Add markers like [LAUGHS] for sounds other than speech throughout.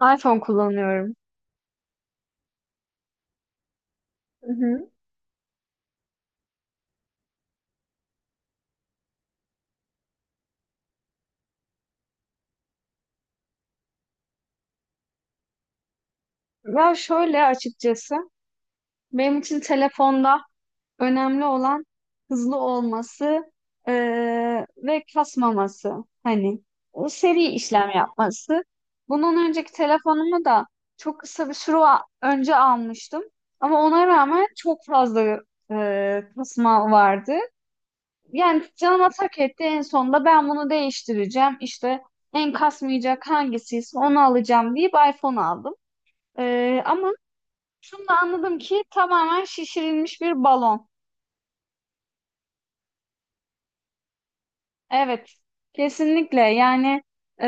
iPhone kullanıyorum. Hı hı. Ya şöyle açıkçası benim için telefonda önemli olan hızlı olması ve kasmaması. Hani o seri işlem yapması. Bundan önceki telefonumu da çok kısa bir süre önce almıştım. Ama ona rağmen çok fazla kasma vardı. Yani canıma tak etti en sonunda ben bunu değiştireceğim. İşte en kasmayacak hangisiyse onu alacağım deyip iPhone aldım. Ama şunu da anladım ki tamamen şişirilmiş bir balon. Evet, kesinlikle. Yani e,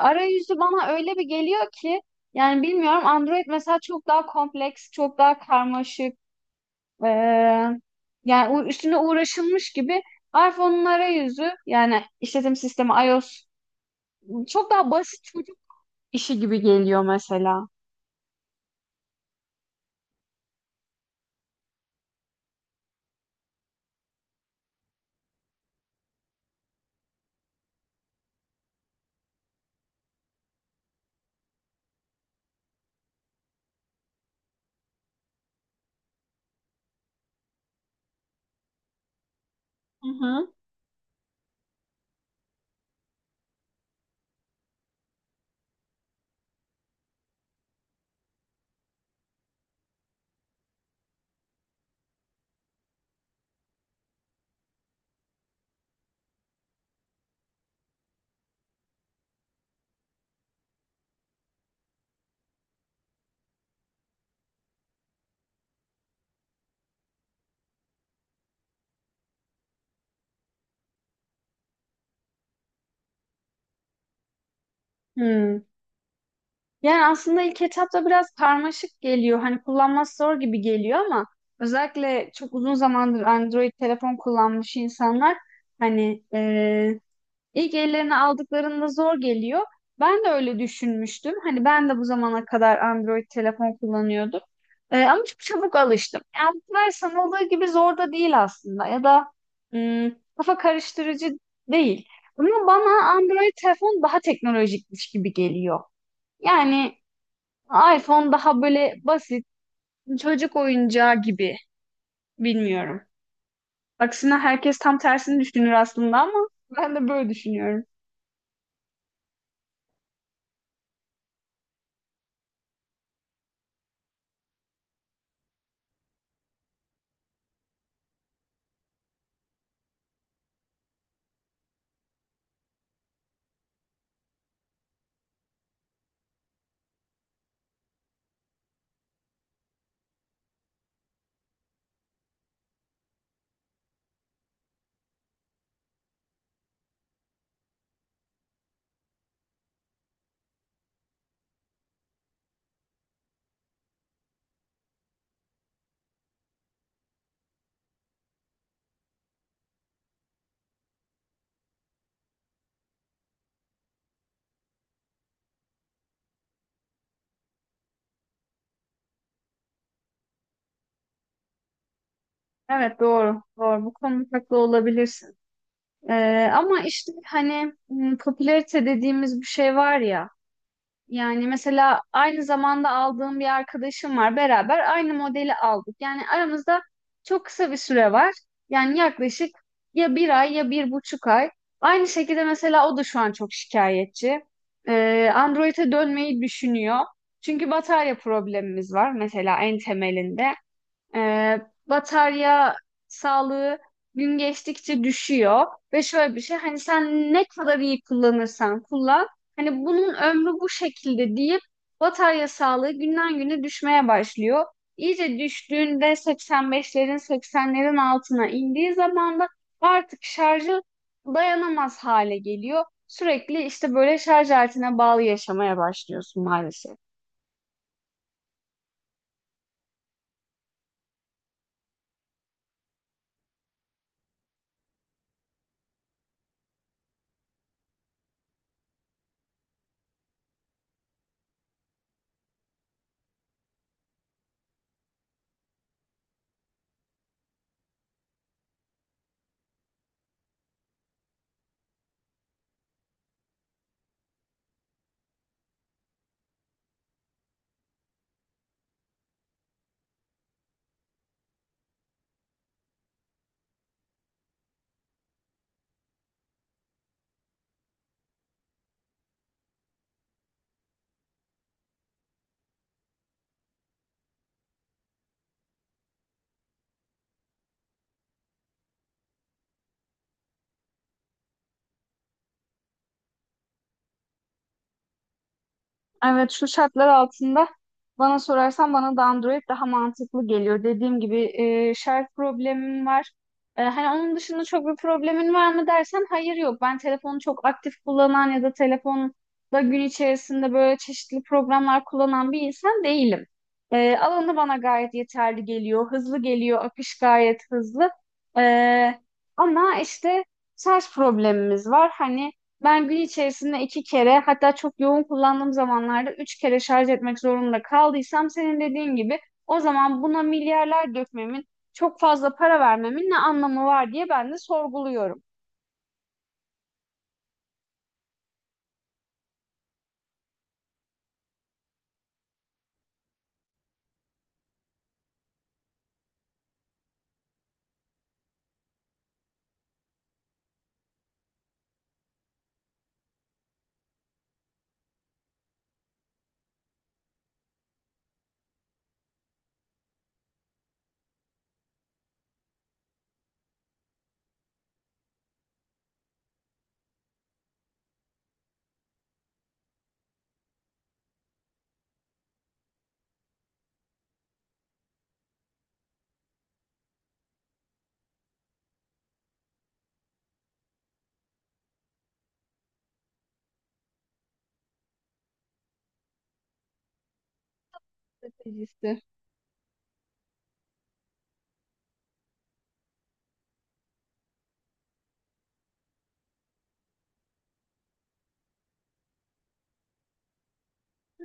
arayüzü bana öyle bir geliyor ki yani bilmiyorum Android mesela çok daha kompleks, çok daha karmaşık. e, Yani üstüne uğraşılmış gibi iPhone'un arayüzü yani işletim sistemi iOS çok daha basit İşi gibi geliyor mesela. Hı hı. Hmm. Yani aslında ilk etapta biraz karmaşık geliyor. Hani kullanması zor gibi geliyor ama özellikle çok uzun zamandır Android telefon kullanmış insanlar hani İlk ellerine aldıklarında zor geliyor. Ben de öyle düşünmüştüm. Hani ben de bu zamana kadar Android telefon kullanıyordum. Ama çok çabuk alıştım. Yani bu kadar sanıldığı gibi zor da değil aslında. Ya da kafa karıştırıcı değil. Ama bana Android telefon daha teknolojikmiş gibi geliyor. Yani iPhone daha böyle basit, çocuk oyuncağı gibi. Bilmiyorum. Aksine herkes tam tersini düşünür aslında ama [LAUGHS] ben de böyle düşünüyorum. Evet, doğru doğru bu konuda haklı olabilirsin. Ama işte hani popülarite dediğimiz bir şey var ya, yani mesela aynı zamanda aldığım bir arkadaşım var, beraber aynı modeli aldık. Yani aramızda çok kısa bir süre var, yani yaklaşık ya bir ay ya bir buçuk ay. Aynı şekilde mesela o da şu an çok şikayetçi. Android'e dönmeyi düşünüyor. Çünkü batarya problemimiz var mesela en temelinde. Ee, Batarya sağlığı gün geçtikçe düşüyor ve şöyle bir şey, hani sen ne kadar iyi kullanırsan kullan, hani bunun ömrü bu şekilde deyip batarya sağlığı günden güne düşmeye başlıyor. İyice düştüğünde 85'lerin 80'lerin altına indiği zaman da artık şarjı dayanamaz hale geliyor. Sürekli işte böyle şarj aletine bağlı yaşamaya başlıyorsun maalesef. Evet, şu şartlar altında bana sorarsan bana da Android daha mantıklı geliyor. Dediğim gibi şarj problemim var. E, hani onun dışında çok bir problemin var mı dersen hayır yok. Ben telefonu çok aktif kullanan ya da telefonda gün içerisinde böyle çeşitli programlar kullanan bir insan değilim. Alanı bana gayet yeterli geliyor. Hızlı geliyor. Akış gayet hızlı. E, Ama işte şarj problemimiz var. Hani ben gün içerisinde iki kere, hatta çok yoğun kullandığım zamanlarda üç kere şarj etmek zorunda kaldıysam senin dediğin gibi o zaman buna milyarlar dökmemin, çok fazla para vermemin ne anlamı var diye ben de sorguluyorum. Stratejisi.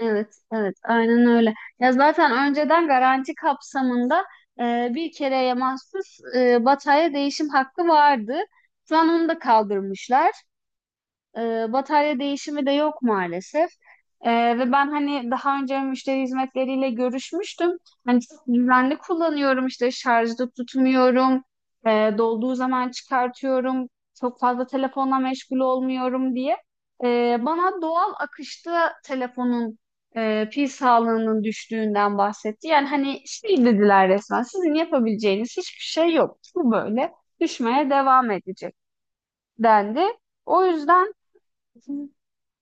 Evet, evet, aynen öyle. Ya zaten önceden garanti kapsamında bir kereye mahsus batarya değişim hakkı vardı. Şu an onu da kaldırmışlar. Batarya değişimi de yok maalesef. Ve ben hani daha önce müşteri hizmetleriyle görüşmüştüm. Hani çok düzenli kullanıyorum, işte şarjda tutmuyorum. Dolduğu zaman çıkartıyorum. Çok fazla telefonla meşgul olmuyorum diye. Bana doğal akışta telefonun pil sağlığının düştüğünden bahsetti. Yani hani şey dediler, resmen sizin yapabileceğiniz hiçbir şey yok. Bu böyle düşmeye devam edecek dendi. O yüzden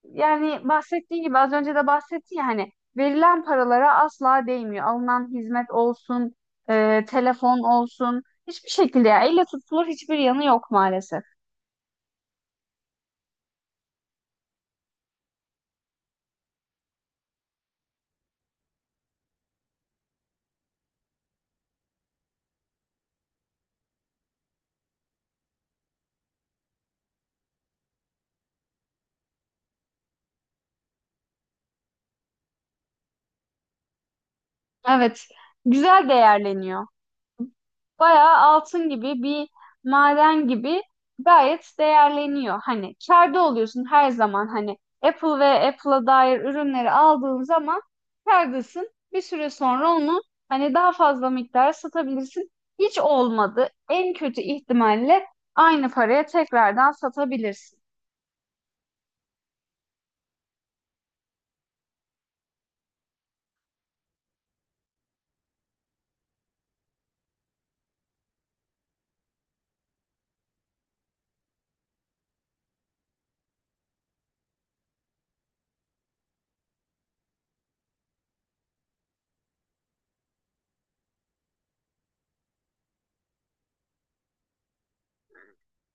yani bahsettiği gibi, az önce de bahsetti ya, hani verilen paralara asla değmiyor. Alınan hizmet olsun, telefon olsun, hiçbir şekilde ya elle tutulur hiçbir yanı yok maalesef. Evet, güzel değerleniyor. Bayağı altın gibi bir maden gibi gayet değerleniyor. Hani kârda oluyorsun her zaman, hani Apple ve Apple'a dair ürünleri aldığın zaman kârdasın. Bir süre sonra onu hani daha fazla miktar satabilirsin. Hiç olmadı. En kötü ihtimalle aynı paraya tekrardan satabilirsin.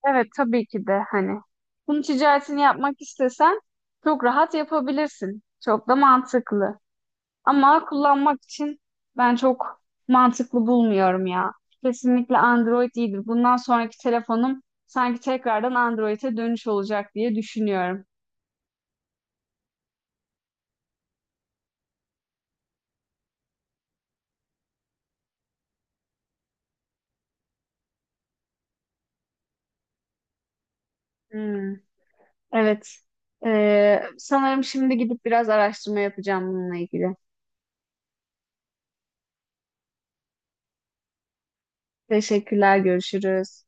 Evet, tabii ki de hani bunun ticaretini yapmak istesen çok rahat yapabilirsin. Çok da mantıklı. Ama kullanmak için ben çok mantıklı bulmuyorum ya. Kesinlikle Android iyidir. Bundan sonraki telefonum sanki tekrardan Android'e dönüş olacak diye düşünüyorum. Hmm, evet. Sanırım şimdi gidip biraz araştırma yapacağım bununla ilgili. Teşekkürler, görüşürüz.